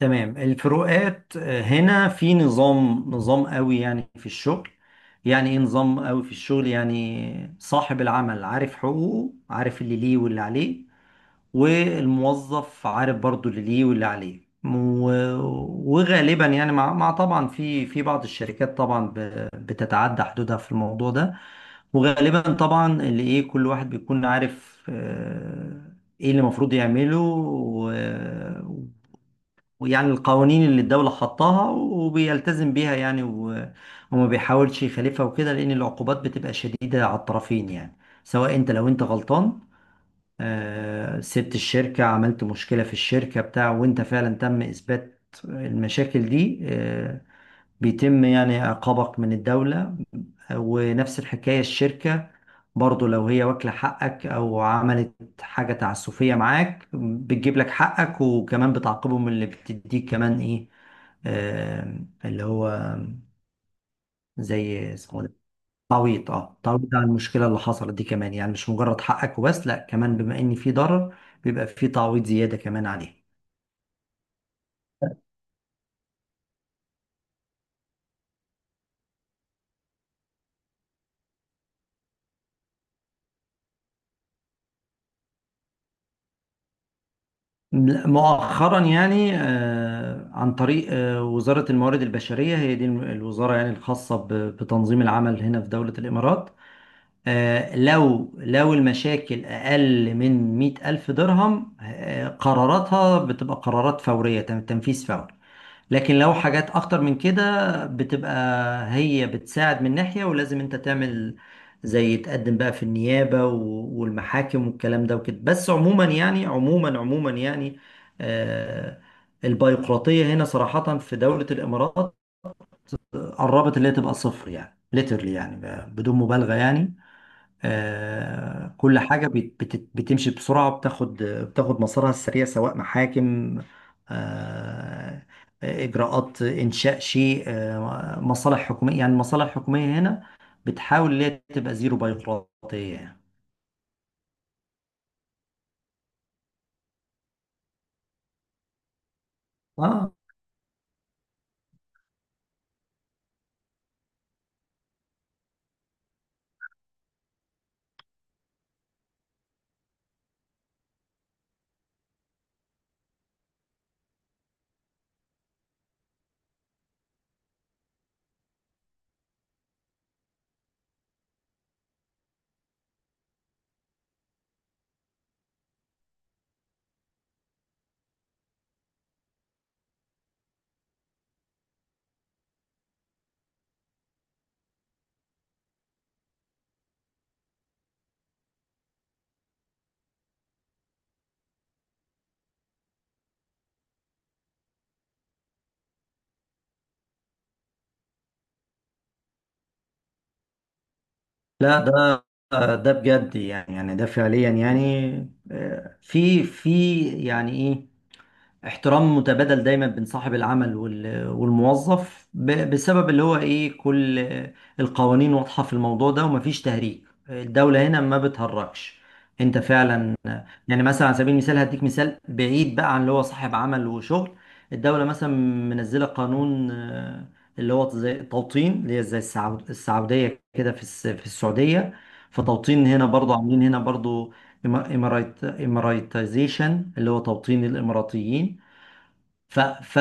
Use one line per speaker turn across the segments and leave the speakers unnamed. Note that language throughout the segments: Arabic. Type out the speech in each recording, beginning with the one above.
تمام. الفروقات، هنا في نظام قوي يعني في الشغل. يعني ايه نظام قوي في الشغل؟ يعني صاحب العمل عارف حقوقه، عارف اللي ليه واللي عليه. والموظف عارف برضو اللي ليه واللي عليه. وغالبا يعني مع طبعا في بعض الشركات طبعا بتتعدى حدودها في الموضوع ده. وغالبا طبعا اللي ايه، كل واحد بيكون عارف ايه اللي المفروض يعمله. ويعني القوانين اللي الدولة حطاها وبيلتزم بيها يعني. وما بيحاولش يخالفها وكده، لأن العقوبات بتبقى شديدة على الطرفين يعني. سواء أنت، لو أنت غلطان، سبت الشركة، عملت مشكلة في الشركة بتاع، وأنت فعلا تم إثبات المشاكل دي، بيتم يعني عقابك من الدولة. ونفس الحكاية الشركة، برضو لو هي واكلة حقك أو عملت حاجة تعسفية معاك، بتجيب لك حقك، وكمان بتعاقبهم اللي بتديك كمان إيه، آه اللي هو زي اسمه ده. تعويض عن المشكلة اللي حصلت دي، كمان يعني مش مجرد حقك وبس، لا، كمان بما إن في ضرر، بيبقى في تعويض زيادة كمان عليه. لا، مؤخرا يعني عن طريق وزارة الموارد البشرية، هي دي الوزارة يعني الخاصة بتنظيم العمل هنا في دولة الإمارات. لو المشاكل أقل من 100,000 درهم، قراراتها بتبقى قرارات فورية، تنفيذ فوري. لكن لو حاجات اكتر من كده، بتبقى هي بتساعد من ناحية، ولازم انت تعمل زي تقدم بقى في النيابة والمحاكم والكلام ده وكده. بس عموما يعني، عموما يعني، آه البيروقراطية هنا صراحة في دولة الامارات قربت اللي هي تبقى صفر، يعني ليترلي، يعني بدون مبالغة يعني. كل حاجة بتمشي بسرعة، بتاخد مسارها السريع، سواء محاكم، آه، إجراءات إنشاء شيء، مصالح حكومية. يعني المصالح الحكومية هنا بتحاول إن هي تبقى زيرو بيروقراطية يعني. آه لا ده بجد يعني ده فعليا يعني. في يعني إيه احترام متبادل دايما بين صاحب العمل والموظف بسبب اللي هو ايه، كل القوانين واضحة في الموضوع ده، ومفيش تهريج. الدولة هنا ما بتهرجش، انت فعلا. يعني مثلا، على سبيل المثال هديك مثال بعيد بقى عن اللي هو صاحب عمل وشغل. الدولة مثلا منزلة قانون، اللي هو زي توطين، اللي هي زي السعودية كده، في السعودية. فتوطين هنا برضو، عاملين هنا برضو إمارات إماراتيزيشن، اللي هو توطين الإماراتيين. ف ف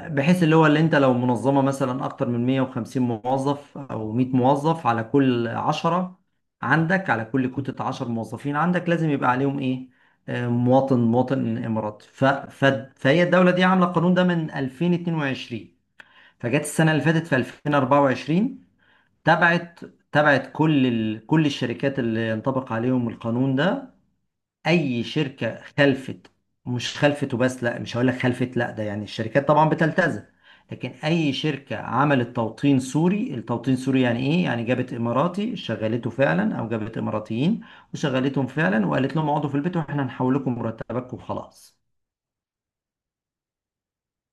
بحيث اللي هو، اللي انت لو منظمه مثلا اكتر من 150 موظف او 100 موظف، على كل 10 عندك، على كل كتله 10 موظفين عندك، لازم يبقى عليهم ايه، مواطن اماراتي. ف ف فهي الدوله دي عامله القانون ده من 2022. فجت السنه اللي فاتت في 2024، تبعت تبعت كل الشركات اللي ينطبق عليهم القانون ده. اي شركه خلفت، مش خلفت وبس، لا، مش هقول لك خلفت، لا ده يعني الشركات طبعا بتلتزم. لكن اي شركه عملت توطين سوري. التوطين السوري يعني ايه؟ يعني جابت اماراتي شغلته فعلا، او جابت اماراتيين وشغلتهم فعلا، وقالت لهم اقعدوا في البيت، واحنا هنحول لكم مرتباتكم وخلاص.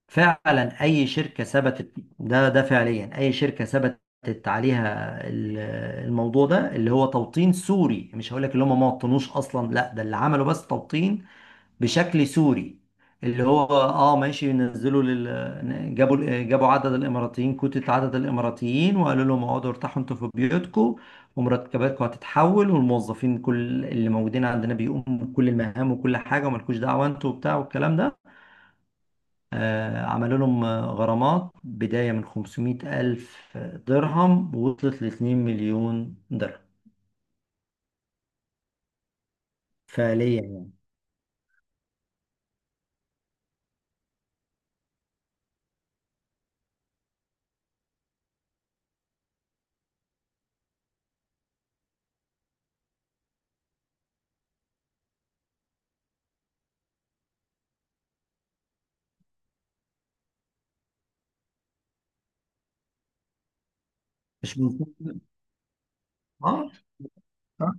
فعلا اي شركه ثبتت، ده فعليا، اي شركه ثبتت عليها الموضوع ده، اللي هو توطين سوري. مش هقول لك اللي هم ما وطنوش اصلا، لا، ده اللي عملوا بس توطين بشكل سوري. اللي هو ماشي، نزلوا جابوا عدد الاماراتيين، كوتة عدد الاماراتيين، وقالوا لهم اقعدوا ارتاحوا انتوا في بيوتكم، ومرتباتكم هتتحول، والموظفين كل اللي موجودين عندنا بيقوموا بكل المهام وكل حاجه، ومالكوش دعوه انتوا وبتاع والكلام ده. عملوا لهم، غرامات بدايه من 500 الف درهم، وصلت ل 2 مليون درهم فعليا يعني. مش مظبوط. اه آه،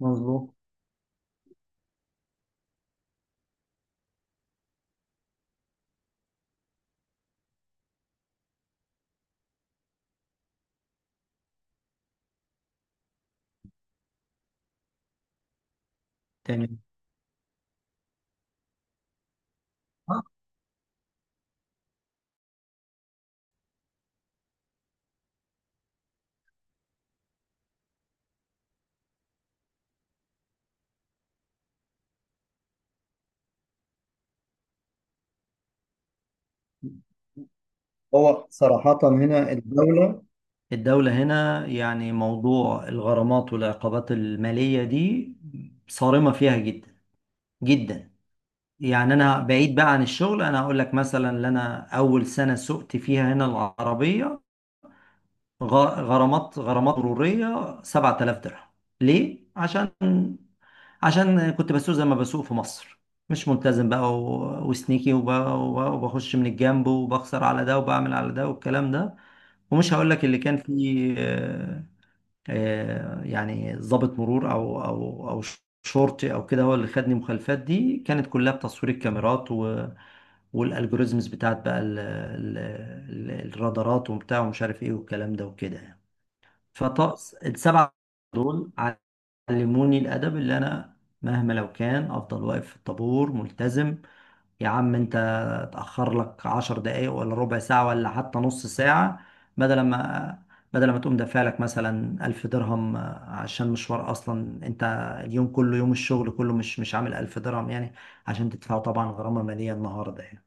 مظبوط. تمام. آه، هو صراحة هنا الدولة، الدولة هنا يعني موضوع الغرامات والعقوبات المالية دي صارمة فيها جدا جدا. يعني أنا بعيد بقى عن الشغل، أنا هقول لك مثلا إن أنا أول سنة سوقت فيها هنا العربية، غرامات مرورية 7000 درهم. ليه؟ عشان كنت بسوق زي ما بسوق في مصر، مش ملتزم بقى، وسنيكي، وبخش من الجنب، وبخسر على ده، وبعمل على ده، والكلام ده. ومش هقول لك اللي كان فيه، يعني ضابط مرور او شرطي او كده هو اللي خدني. المخالفات دي كانت كلها بتصوير الكاميرات والالجوريزمز بتاعت بقى، الرادارات وبتاع ومش عارف ايه والكلام ده وكده يعني. فطقس السبعة دول علموني الأدب، اللي أنا مهما لو كان أفضل واقف في الطابور ملتزم. يا عم أنت، تأخر لك 10 دقايق، ولا ربع ساعة، ولا حتى نص ساعة، بدل ما تقوم دافع لك مثلا 1000 درهم. عشان مشوار، أصلا أنت اليوم كله، يوم الشغل كله مش عامل 1000 درهم يعني، عشان تدفعه طبعا غرامة مالية النهاردة يعني.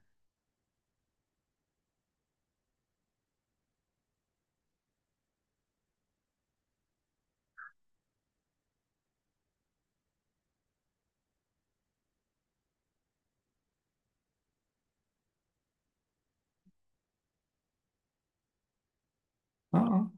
اه، آه.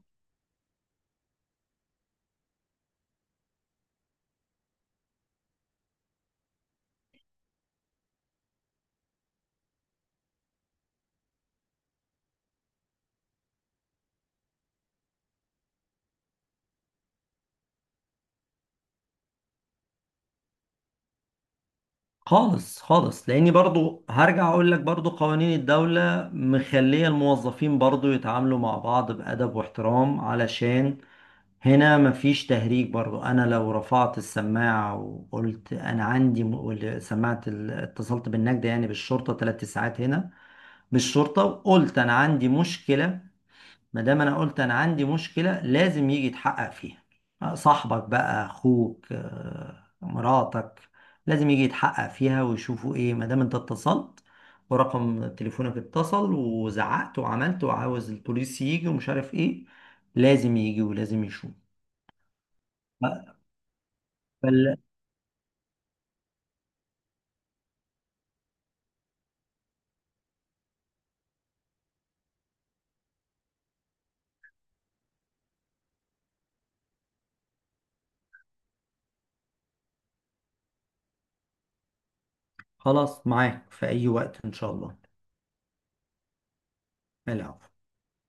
خالص، خالص. لاني برضو هرجع اقول لك برضو قوانين الدولة مخلية الموظفين برضو يتعاملوا مع بعض بأدب واحترام، علشان هنا مفيش تهريج. برضو انا لو رفعت السماعة وقلت انا عندي سماعة اتصلت بالنجدة يعني بالشرطة، 3 ساعات هنا بالشرطة وقلت انا عندي مشكلة، ما دام انا قلت انا عندي مشكله، لازم يجي يتحقق فيها. صاحبك بقى، اخوك، مراتك، لازم يجي يتحقق فيها ويشوفوا ايه، ما دام انت اتصلت ورقم تليفونك اتصل، وزعقت، وعملت، وعاوز البوليس يجي ومش عارف ايه، لازم يجي ولازم يشوف. فال- خلاص، معاك في اي وقت ان شاء الله. العفو.